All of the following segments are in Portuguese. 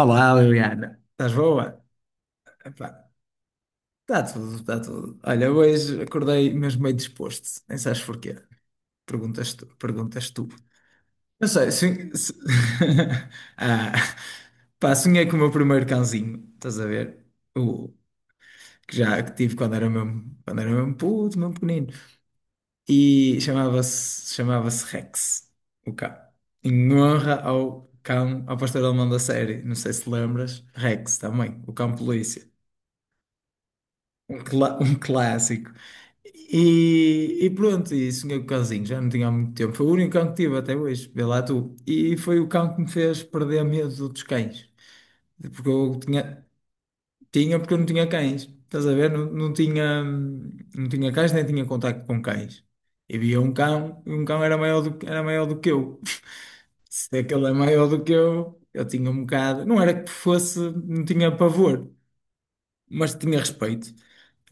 Olá, Liliana. Estás boa? Epá, está tudo, está tudo. Olha, hoje acordei mesmo meio disposto. Nem sabes porquê. Perguntas tu. Perguntas tu. Não sei, sonhei... ah, pá, sonhei com o meu primeiro cãozinho. Estás a ver? O que já que tive quando era mesmo puto, mesmo pequenino. E chamava-se Rex, o cão. Em honra ao cão, ao pastor alemão da série. Não sei se lembras. Rex também, o cão polícia. Um clássico. E pronto, e sonhei com o cãozinho, já não tinha há muito tempo. Foi o único cão que tive até hoje, vê lá tu. E foi o cão que me fez perder medo dos cães. Porque eu tinha, tinha porque eu não tinha cães. Estás a ver? Não, não tinha cães, nem tinha contacto com cães. E via um cão, e um cão era era maior do que eu. Se aquele é maior do que eu tinha um bocado. Não era que fosse, não tinha pavor, mas tinha respeito.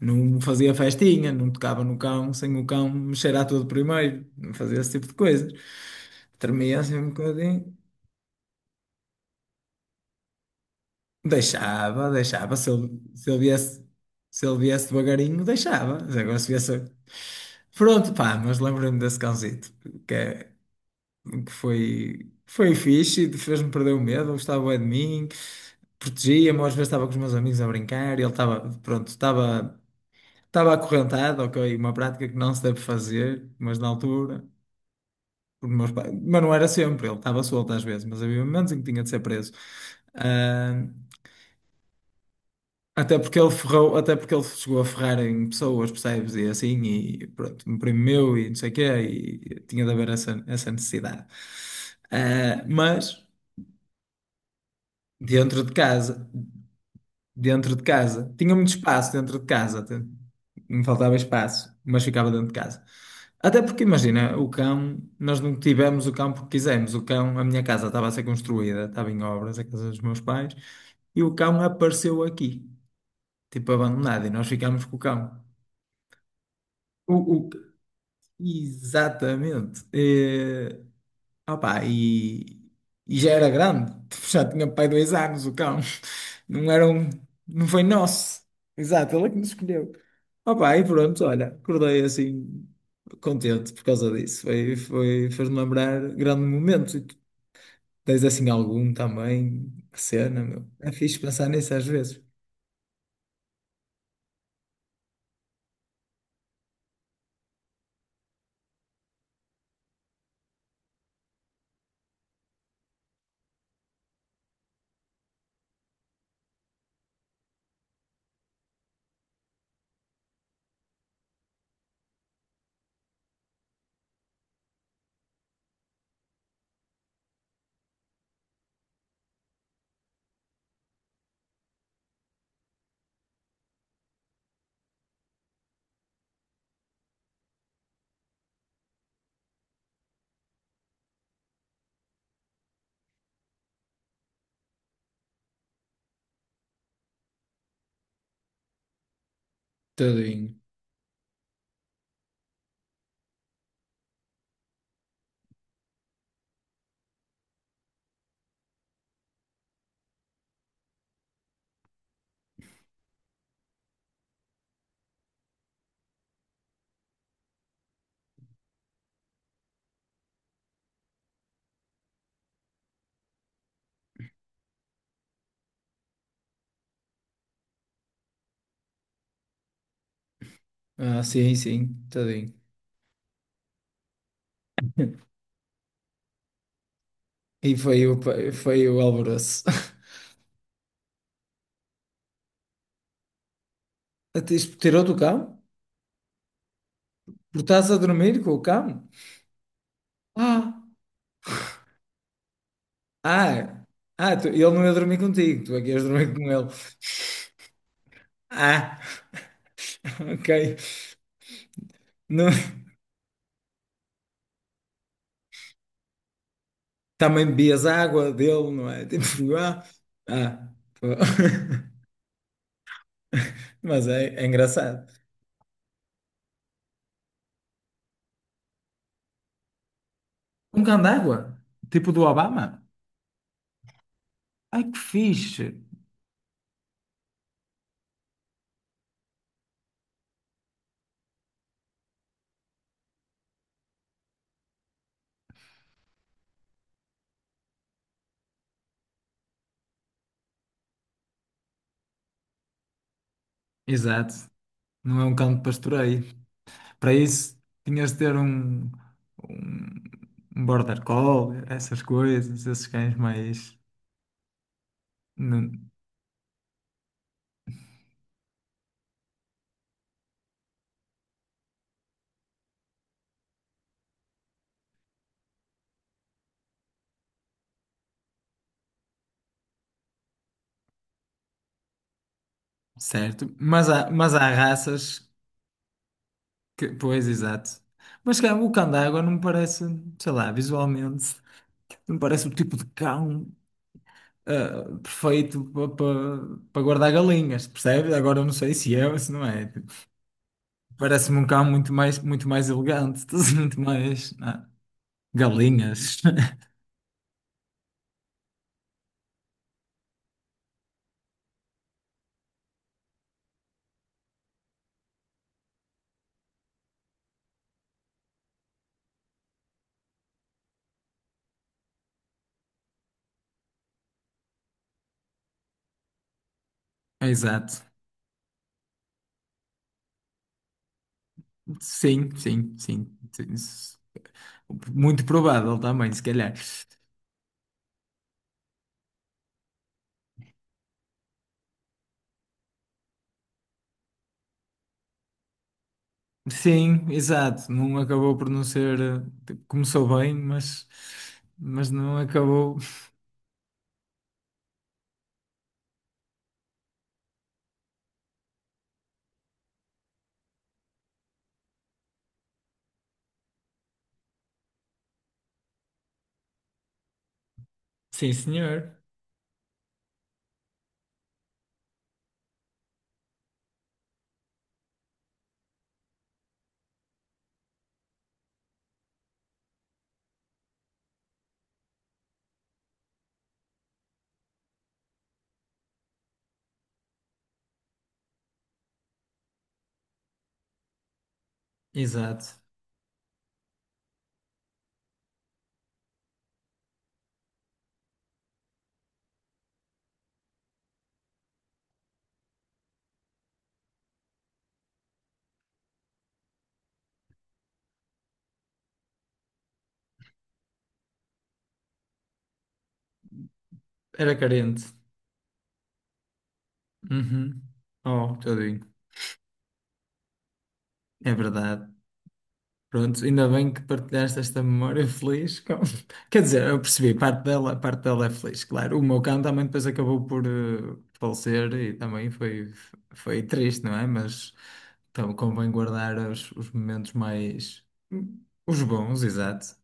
Não fazia festinha, não tocava no cão sem o cão me cheirar todo primeiro, não fazia esse tipo de coisas. Tremia assim um bocadinho. Deixava, deixava. Se ele viesse, se ele viesse devagarinho, deixava. Mas agora se viesse. Pronto, pá, mas lembrei-me desse cãozito, que, é- que foi, foi fixe, fez-me perder o medo, gostava bué de mim, protegia-me, às vezes estava com os meus amigos a brincar e ele estava, pronto, estava. Estava acorrentado, ok, uma prática que não se deve fazer, mas na altura. Mas não era sempre, ele estava solto às vezes, mas havia momentos em que tinha de ser preso. Ah, até porque ele ferrou, até porque ele chegou a ferrar em pessoas, percebes? E assim, e pronto, um primo meu e não sei o quê, e tinha de haver essa, essa necessidade. Ah, mas dentro de casa. Dentro de casa. Tinha muito espaço dentro de casa, até. Me faltava espaço, mas ficava dentro de casa. Até porque, imagina, o cão, nós não tivemos o cão porque quisemos. O cão, a minha casa estava a ser construída, estava em obras, a casa dos meus pais, e o cão apareceu aqui, tipo abandonado, e nós ficámos com o cão. O, o- exatamente. Opá, e já era grande, já tinha pai 2 anos o cão. Não era um, não foi nosso. Exato, ele é que nos escolheu. Opa, e pronto, olha, acordei assim contente por causa disso. Fez-me lembrar grande momento. E tu tens assim algum também, que cena, meu. É fixe pensar nisso às vezes. Tadinho. Ah, sim, sim, tadinho. E foi o, foi o alvoroço. Até isto tirou do cão? Porque estás a dormir com o cão? Ah, ah, ah, ele não ia dormir contigo, tu é que ias dormir com ele. Ah, ok. Não, também bebias água dele, não é? Tipo, ah, ah, pô. Mas é, é engraçado. Um cão d'água, tipo do Obama. Ai, que fixe! Exato, não é um cão de pastoreio. Para isso, tinhas de ter um, um border collie, essas coisas, esses cães mais. não- Certo, mas há raças que. Pois, exato. Mas cá, o cão d'água não me parece, sei lá, visualmente, não me parece o tipo de cão perfeito para guardar galinhas, percebe agora eu não sei se é ou se não é. Tipo, parece-me um cão muito mais elegante, muito mais galinhas. Exato. Sim, sim, sim, sim. Muito provável também, se calhar. Sim, exato. Não acabou por não ser. Começou bem, mas não acabou. Sim, senhor. Exato. Era carente. Uhum. Oh, tadinho. É verdade. Pronto, ainda bem que partilhaste esta memória feliz. Quer dizer, eu percebi, parte dela é feliz, claro. O meu cão também depois acabou por falecer e também foi, foi triste, não é? Mas então convém guardar os momentos mais. Os bons, exato.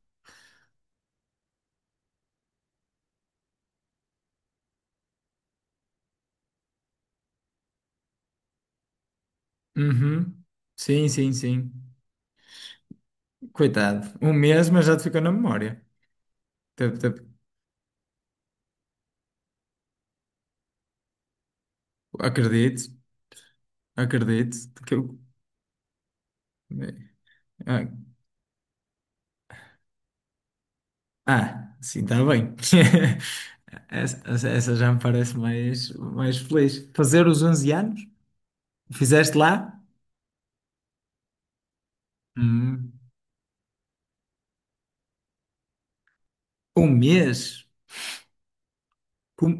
Uhum. Sim, sim, sim. Coitado. Um mês, mas já te ficou na memória. Tep, tep. Acredito, acredito. Que eu... eh, ah, ah, sim, está bem. Essa, essa- já me parece mais, mais feliz. Fazer os 11 anos? Fizeste lá? Hum. Um mês? Como?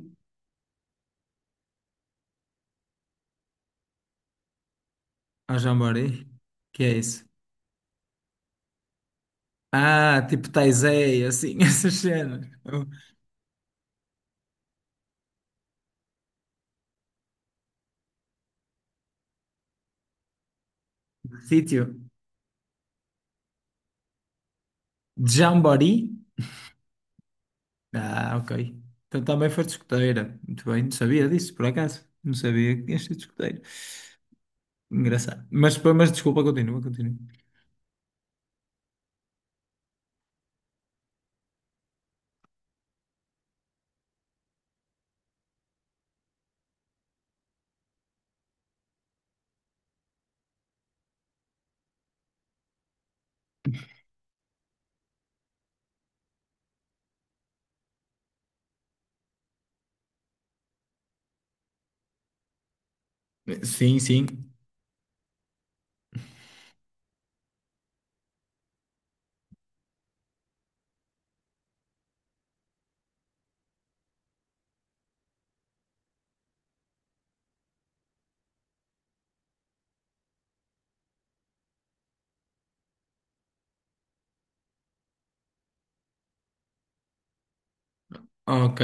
Ah, jamboree? Que é isso? Ah, tipo Taizé, assim, essas cenas. Um sítio. De jamboree? Ah, ok. Então também foi discoteira. Muito bem, não sabia disso, por acaso. Não sabia que tinha sido discoteira. Engraçado. Mas desculpa, continua, continua. Sim, sim. Ok.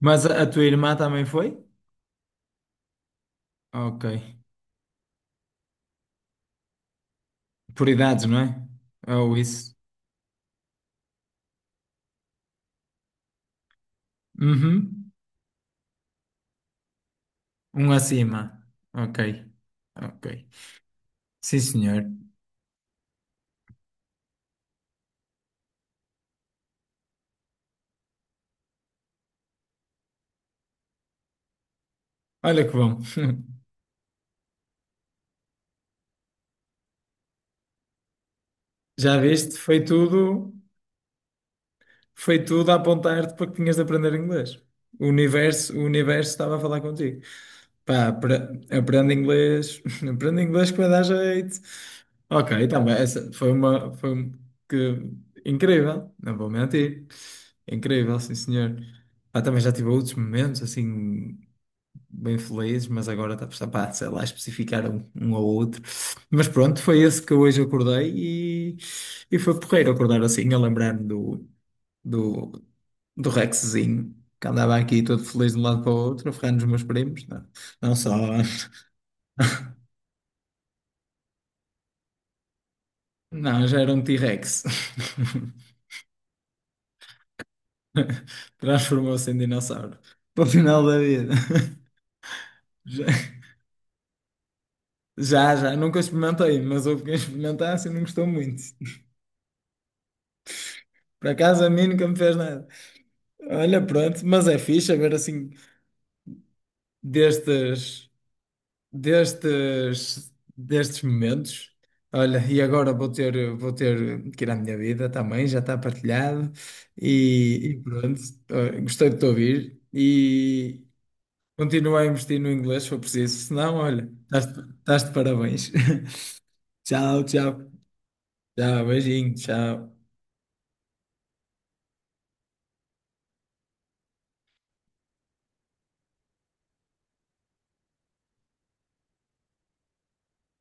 Mas a tua irmã também foi? Ok. Por idades, não é? Ou isso? Uhum. Um acima. Ok. Ok. Sim, senhor. Olha que bom. Já viste? Foi tudo a apontar-te para que tinhas de aprender inglês. O universo estava a falar contigo. Pá, aprende inglês, aprende inglês que vai dar jeito. Ok, então bem, essa foi uma, que, incrível, não vou mentir. Incrível, sim senhor. Pá, também já tive outros momentos assim bem felizes, mas agora pá, sei lá, especificar um, um ou outro. Mas pronto, foi esse que hoje acordei e, e foi porreiro acordar assim, a lembrar-me do, do Rexzinho, que andava aqui todo feliz de um lado para o outro, a ferrar nos meus primos. Não, não só. Não, já era um T-Rex. Transformou-se em dinossauro. Para o final da vida. Já, já, já. Nunca experimentei, mas houve quem experimentasse e não gostou muito. Por acaso a mim nunca me fez nada. Olha, pronto, mas é fixe ver assim destes, destes momentos. Olha, e agora vou ter que ir à minha vida também, já está partilhado. E, e pronto, gostei de te ouvir. E, continua a investir no inglês se for preciso, senão, olha, estás de parabéns. Tchau, tchau. Tchau, beijinho, tchau.